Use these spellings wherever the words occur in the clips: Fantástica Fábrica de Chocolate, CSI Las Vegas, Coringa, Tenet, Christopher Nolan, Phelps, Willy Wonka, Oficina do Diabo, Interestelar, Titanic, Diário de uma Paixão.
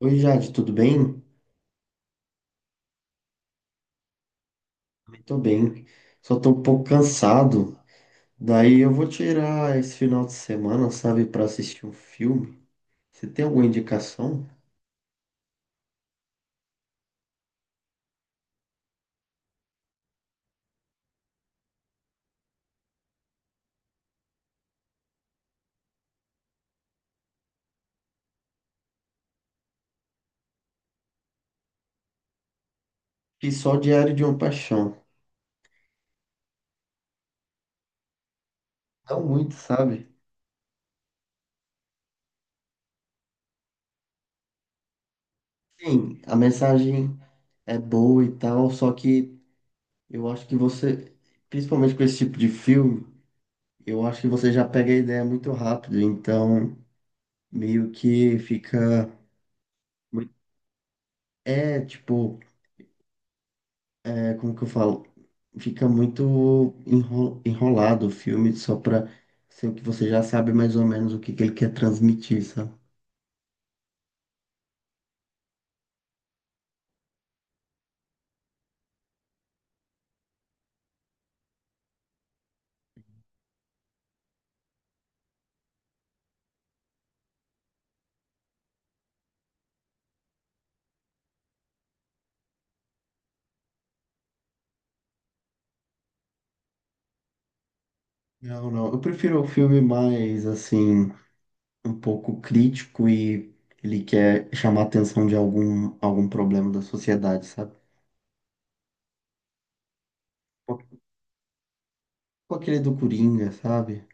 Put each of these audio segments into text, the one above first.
Oi, Jade, tudo bem? Tô bem. Só tô um pouco cansado. Daí eu vou tirar esse final de semana, sabe, pra assistir um filme. Você tem alguma indicação? E só Diário de uma Paixão. Não muito, sabe? Sim, a mensagem é boa e tal, só que eu acho que você, principalmente com esse tipo de filme, eu acho que você já pega a ideia muito rápido, então meio que fica muito- é, tipo é como que eu falo, fica enrolado o filme só pra ser o que você já sabe mais ou menos o que que ele quer transmitir, sabe? Não, não. Eu prefiro o filme mais, assim, um pouco crítico e ele quer chamar a atenção de algum problema da sociedade, sabe? Tipo aquele do Coringa, sabe?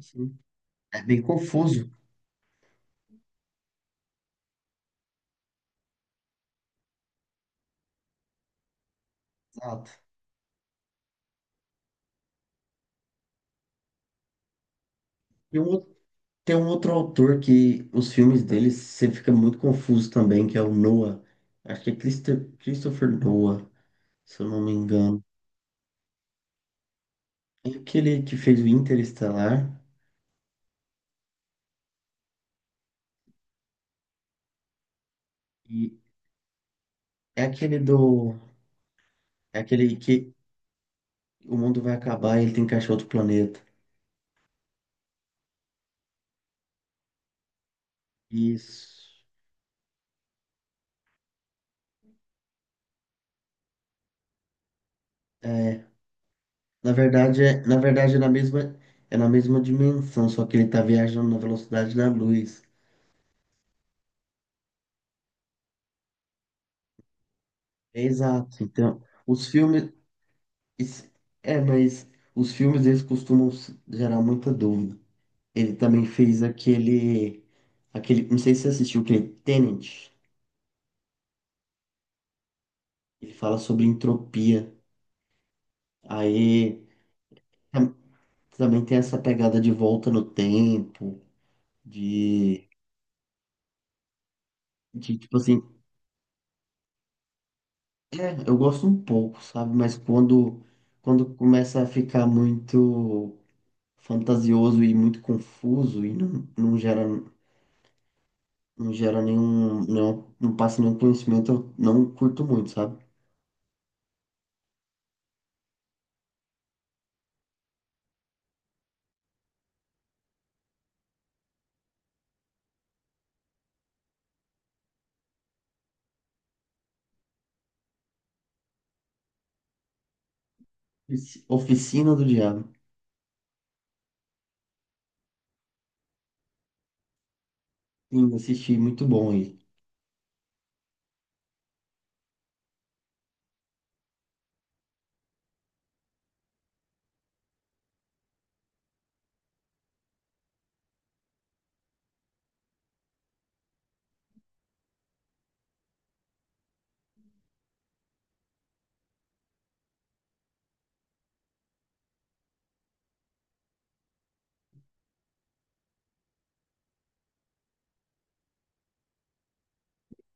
Sim. É bem confuso. Exato. E um Tem um outro autor que os filmes dele você fica muito confuso também, que é o Noah. Acho que é Christopher Noah, se eu não me engano. É aquele que fez o Interestelar e é aquele do, é aquele que o mundo vai acabar e ele tem que achar outro planeta. Isso. É, na verdade é na mesma dimensão, só que ele tá viajando na velocidade da luz. É exato. Então, os filmes Isso- É, mas os filmes eles costumam gerar muita dúvida. Ele também fez aquele, não sei se você assistiu aquele Tenet. Ele fala sobre entropia. Aí tam- também tem essa pegada de volta no tempo, de, de tipo assim, é, eu gosto um pouco, sabe? Mas quando começa a ficar muito fantasioso e muito confuso e não, não gera nenhum, não, não passa nenhum conhecimento, eu não curto muito, sabe? Oficina do Diabo. Sim, assisti, muito bom aí.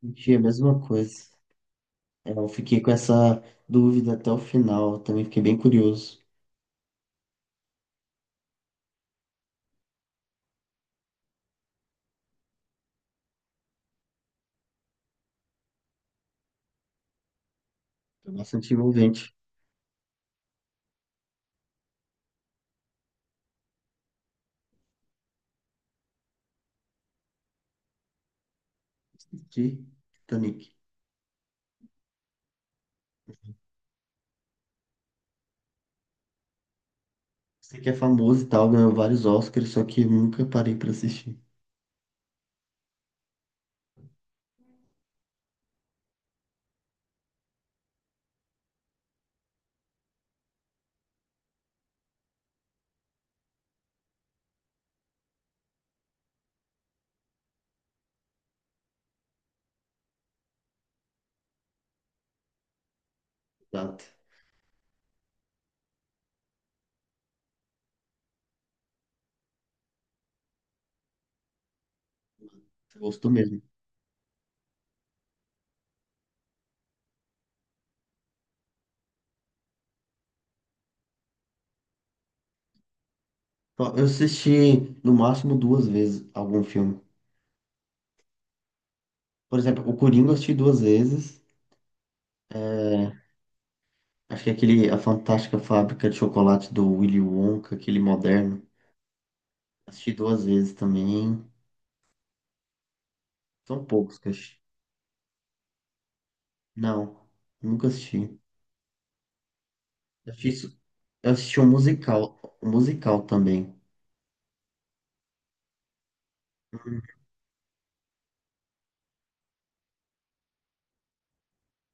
Assisti a mesma coisa. É, eu fiquei com essa dúvida até o final, também fiquei bem curioso. Foi bastante envolvente. Assisti Titanic. Sei que é famoso e tal, ganhou vários Oscars, só que eu nunca parei pra assistir. Exato. Você gostou mesmo. Ó, eu assisti no máximo duas vezes algum filme. Por exemplo, o Coringa eu assisti duas vezes. É, acho que é aquele, a Fantástica Fábrica de Chocolate do Willy Wonka, aquele moderno. Assisti duas vezes também. São poucos que eu assisti. Não, nunca assisti. Eu eu assisti um um musical também. Hum.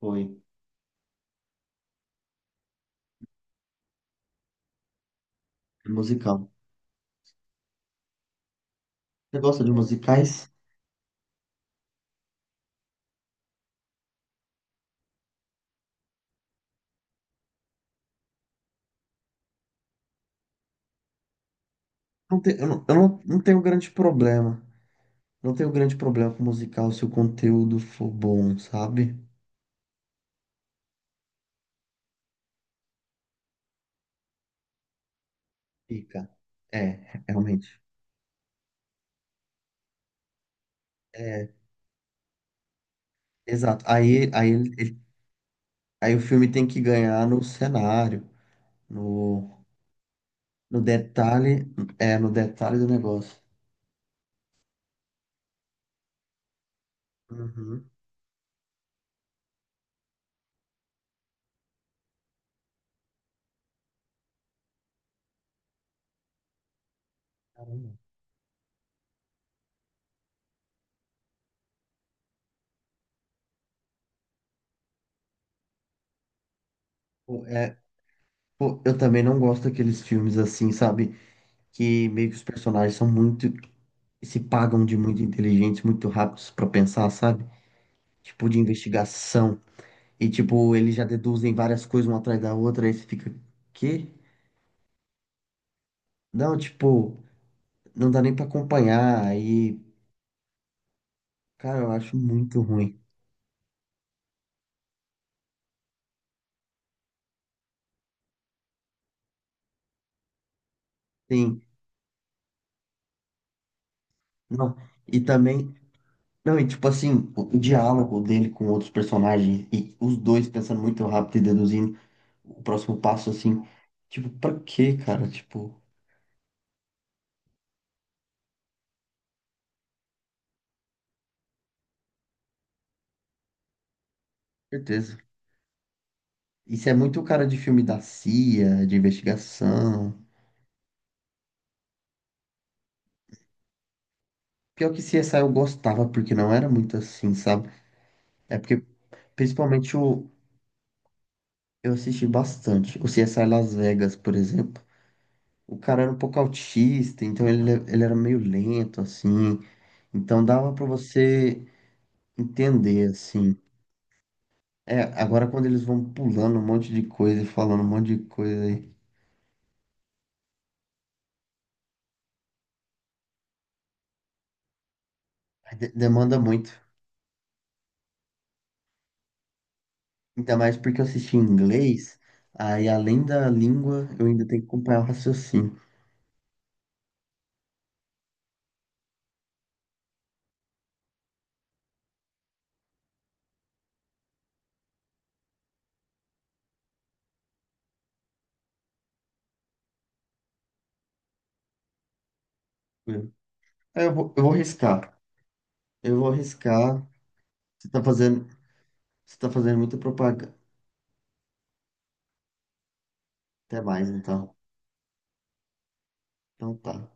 Foi, é musical. Você gosta de musicais? Eu eu não tenho grande problema. Não tenho grande problema com musical se o conteúdo for bom, sabe? Fica. É, realmente. É, exato. Aí o filme tem que ganhar no cenário. No, no é, no detalhe do negócio. Uhum. Caramba. Pô, é, pô, eu também não gosto daqueles filmes assim, sabe? Que meio que os personagens são muito, se pagam de muito inteligentes, muito rápidos pra pensar, sabe? Tipo, de investigação. E, tipo, eles já deduzem várias coisas uma atrás da outra, aí você fica, quê? Não, tipo, não dá nem pra acompanhar. Aí, cara, eu acho muito ruim. Sim, não. E também Não, e tipo assim, o diálogo dele com outros personagens e os dois pensando muito rápido e deduzindo o próximo passo, assim, tipo, pra quê, cara? Tipo, certeza. Isso é muito cara de filme da CIA, de investigação. Pior que CSI eu gostava, porque não era muito assim, sabe? É porque, principalmente, o, eu assisti bastante. O CSI Las Vegas, por exemplo. O cara era um pouco autista, então ele era meio lento, assim. Então dava pra você entender, assim. É, agora quando eles vão pulando um monte de coisa e falando um monte de coisa aí, demanda muito. Ainda mais porque eu assisti em inglês, aí além da língua, eu ainda tenho que acompanhar o raciocínio. É, eu vou riscar. Eu vou riscar. Você tá fazendo, você tá fazendo muita propaganda. Até mais, então. Então tá.